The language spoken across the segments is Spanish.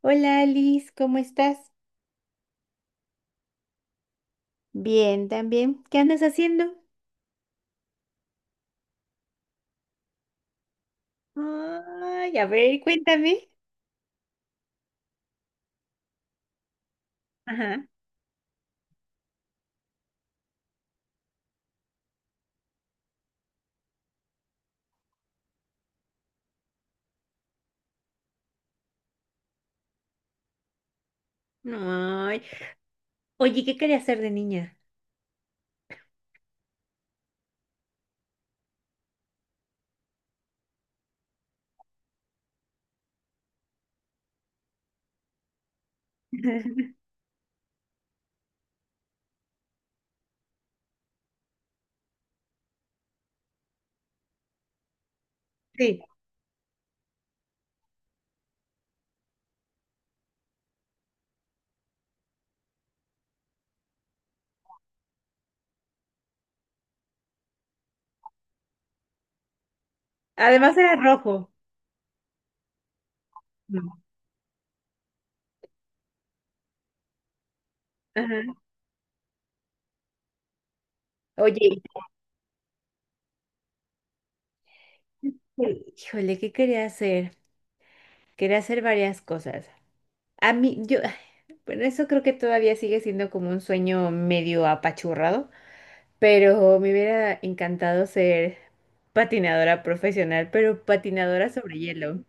Hola Alice, ¿cómo estás? Bien, también. ¿Qué andas haciendo? Ay, a ver, cuéntame. Ajá. Ay. Oye, ¿qué quería hacer de niña? Sí, además era rojo. No. Ajá. Oye, híjole, ¿qué quería hacer? Quería hacer varias cosas. A mí, yo, bueno, eso creo que todavía sigue siendo como un sueño medio apachurrado, pero me hubiera encantado ser patinadora profesional, pero patinadora sobre hielo.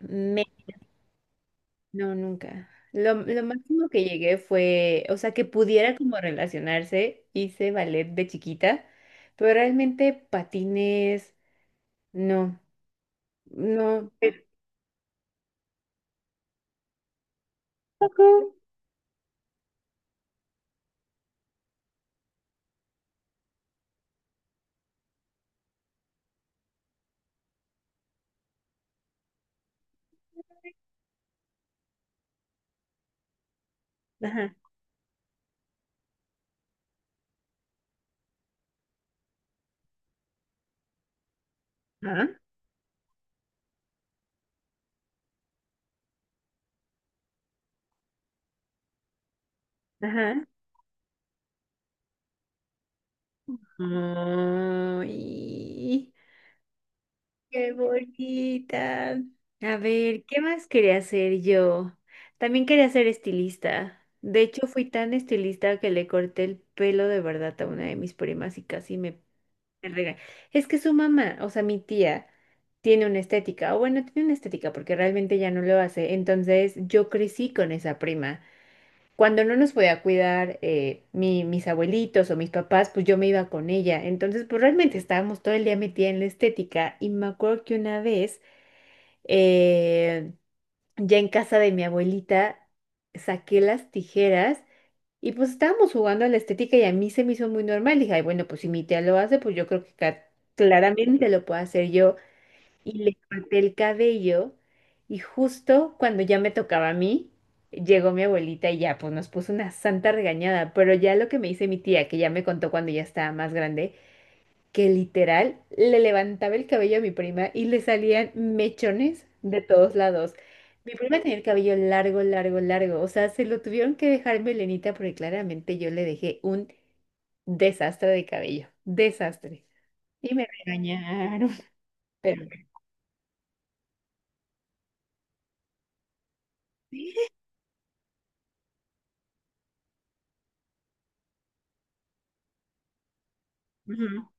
Me No, nunca. Lo máximo que llegué fue, o sea, que pudiera como relacionarse, hice ballet de chiquita, pero realmente patines, no, no. Ajá, ajá, ajá. Ay, qué bonita. A ver, ¿qué más quería hacer yo? También quería ser estilista. De hecho, fui tan estilista que le corté el pelo de verdad a una de mis primas y casi me rega- Es que su mamá, o sea, mi tía, tiene una estética, o bueno, tiene una estética porque realmente ya no lo hace. Entonces yo crecí con esa prima. Cuando no nos podía cuidar mis abuelitos o mis papás, pues yo me iba con ella. Entonces, pues realmente estábamos todo el día metida en la estética. Y me acuerdo que una vez, eh, ya en casa de mi abuelita, saqué las tijeras. Y pues estábamos jugando a la estética y a mí se me hizo muy normal. Dije, ay, bueno, pues si mi tía lo hace, pues yo creo que claramente lo puedo hacer yo. Y le corté el cabello y justo cuando ya me tocaba a mí, llegó mi abuelita y ya, pues nos puso una santa regañada. Pero ya lo que me dice mi tía, que ya me contó cuando ya estaba más grande, que literal le levantaba el cabello a mi prima y le salían mechones de todos lados. Mi prima tenía el cabello largo, largo, largo. O sea, se lo tuvieron que dejar melenita porque claramente yo le dejé un desastre de cabello. Desastre. Y me regañaron. Pero... bueno.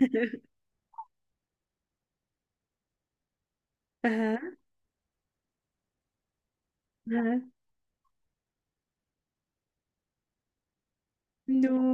Ujú. Ajá, ajá, no.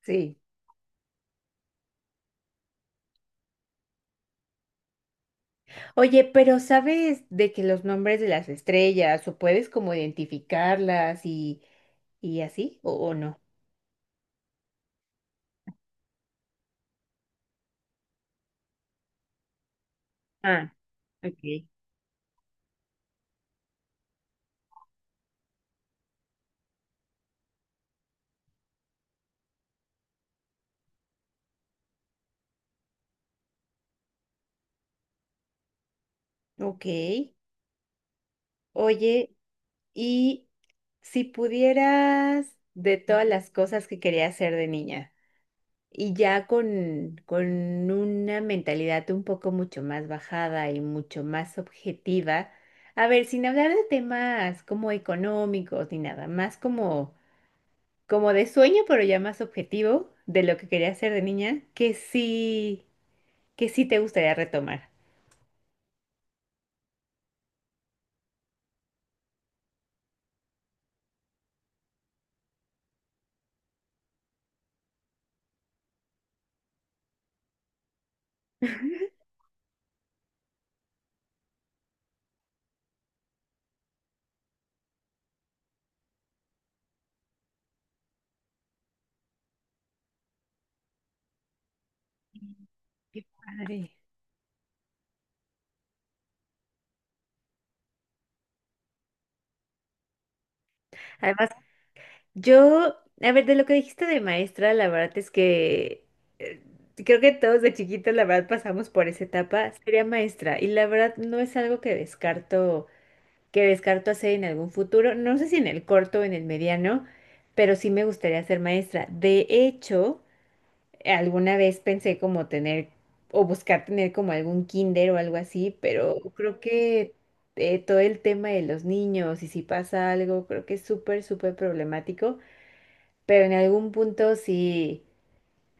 Sí. Oye, pero ¿sabes de que los nombres de las estrellas o puedes como identificarlas y así o no? Ah, ok. Ok. Oye, y si pudieras de todas las cosas que querías hacer de niña, y ya con una mentalidad un poco mucho más bajada y mucho más objetiva, a ver, sin hablar de temas como económicos ni nada, más como, como de sueño, pero ya más objetivo de lo que querías hacer de niña, que sí te gustaría retomar. Qué padre. Además Yo, a ver, de lo que dijiste de maestra, la verdad es que eh, creo que todos de chiquitos, la verdad, pasamos por esa etapa, sería maestra. Y la verdad no es algo que descarto hacer en algún futuro, no sé si en el corto o en el mediano, pero sí me gustaría ser maestra. De hecho, alguna vez pensé como tener o buscar tener como algún kinder o algo así, pero creo que todo el tema de los niños y si pasa algo, creo que es súper, súper problemático. Pero en algún punto sí,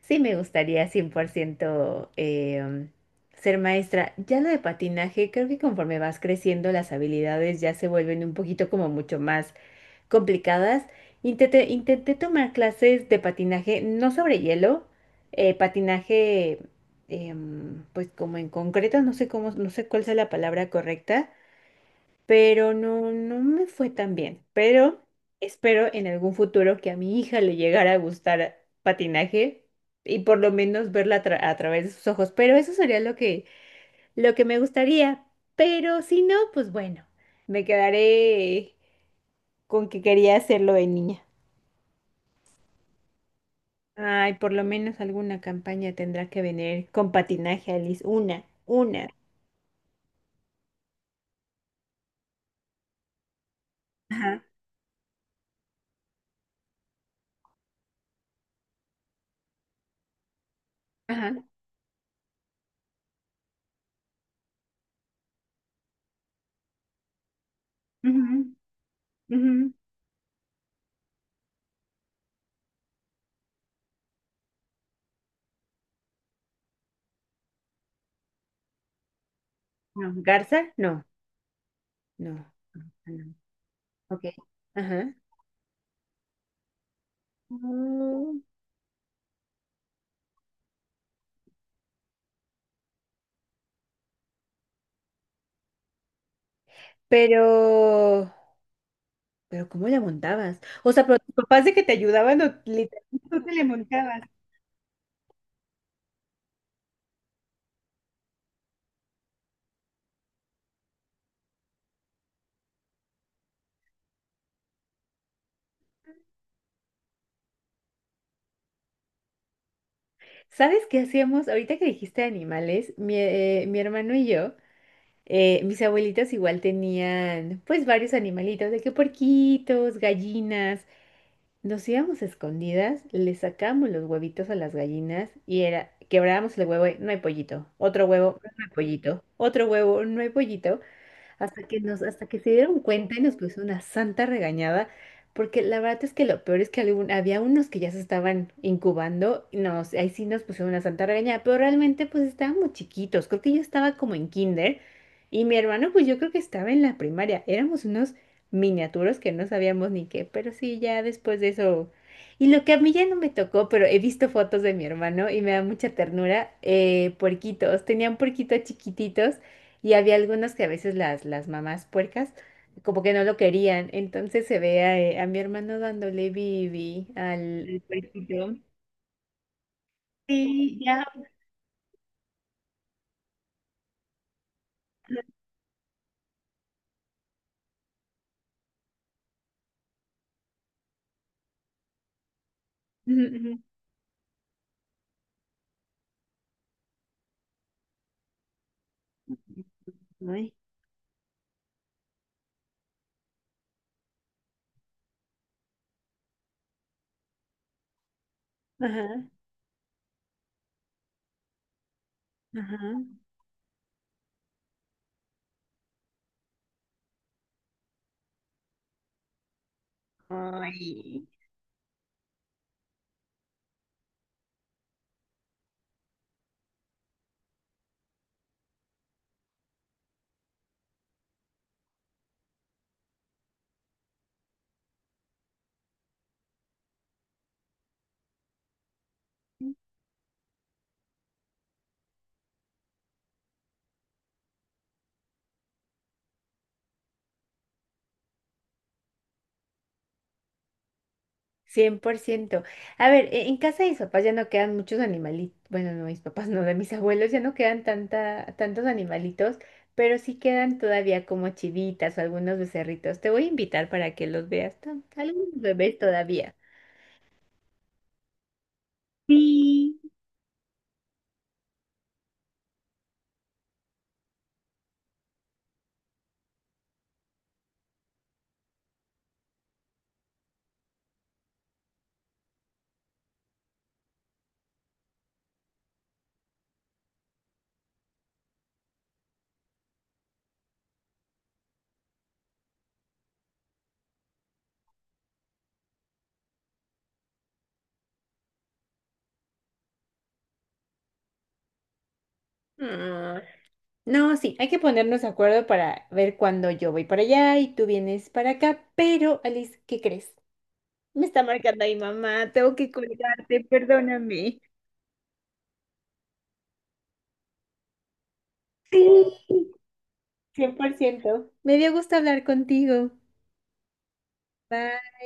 sí me gustaría 100% ser maestra. Ya lo de patinaje, creo que conforme vas creciendo, las habilidades ya se vuelven un poquito como mucho más complicadas. Intenté tomar clases de patinaje, no sobre hielo, patinaje, pues como en concreto, no sé cómo, no sé cuál sea la palabra correcta, pero no, no me fue tan bien. Pero espero en algún futuro que a mi hija le llegara a gustar patinaje y por lo menos verla a, a través de sus ojos. Pero eso sería lo que me gustaría. Pero si no, pues bueno, me quedaré con que quería hacerlo de niña. Ay, por lo menos alguna campaña tendrá que venir con patinaje, Alice. Una, una. Ajá, ajá. Ujú, ujú. No, Garza, no, no. No, no. Ok. Ajá. Mm. Pero, pero ¿cómo le montabas? O sea, pero tus papás de que te ayudaban o literalmente tú te le montabas. ¿Sabes qué hacíamos? Ahorita que dijiste animales, mi hermano y yo, mis abuelitas igual tenían pues varios animalitos, de que porquitos, gallinas. Nos íbamos a escondidas, le sacábamos los huevitos a las gallinas y era, quebrábamos el huevo, y, no hay pollito, otro huevo, no hay pollito, otro huevo, no hay pollito. Hasta que nos, hasta que se dieron cuenta y nos puso una santa regañada, porque la verdad es que lo peor es que había unos que ya se estaban incubando, y nos, ahí sí nos pusieron una santa regañada, pero realmente pues estábamos chiquitos, creo que yo estaba como en kinder y mi hermano pues yo creo que estaba en la primaria, éramos unos miniaturos que no sabíamos ni qué, pero sí, ya después de eso... Y lo que a mí ya no me tocó, pero he visto fotos de mi hermano y me da mucha ternura, puerquitos. Tenían puerquitos chiquititos y había algunas que a veces las mamás puercas como que no lo querían. Entonces se ve a mi hermano dándole bibi al... El puerquito. Sí, ya. Ujú, ujú. Ay, ajá, ajá, ay. Cien por ciento. A ver, en casa de mis papás ya no quedan muchos animalitos, bueno, no, mis papás no, de mis abuelos ya no quedan tanta, tantos animalitos, pero sí quedan todavía como chivitas o algunos becerritos. Te voy a invitar para que los veas, algunos bebés todavía. Sí. Ah, no, sí, hay que ponernos de acuerdo para ver cuándo yo voy para allá y tú vienes para acá. Pero, Alice, ¿qué crees? Me está marcando ahí, mamá. Tengo que colgarte, perdóname. Sí, cien por ciento. Me dio gusto hablar contigo. Bye.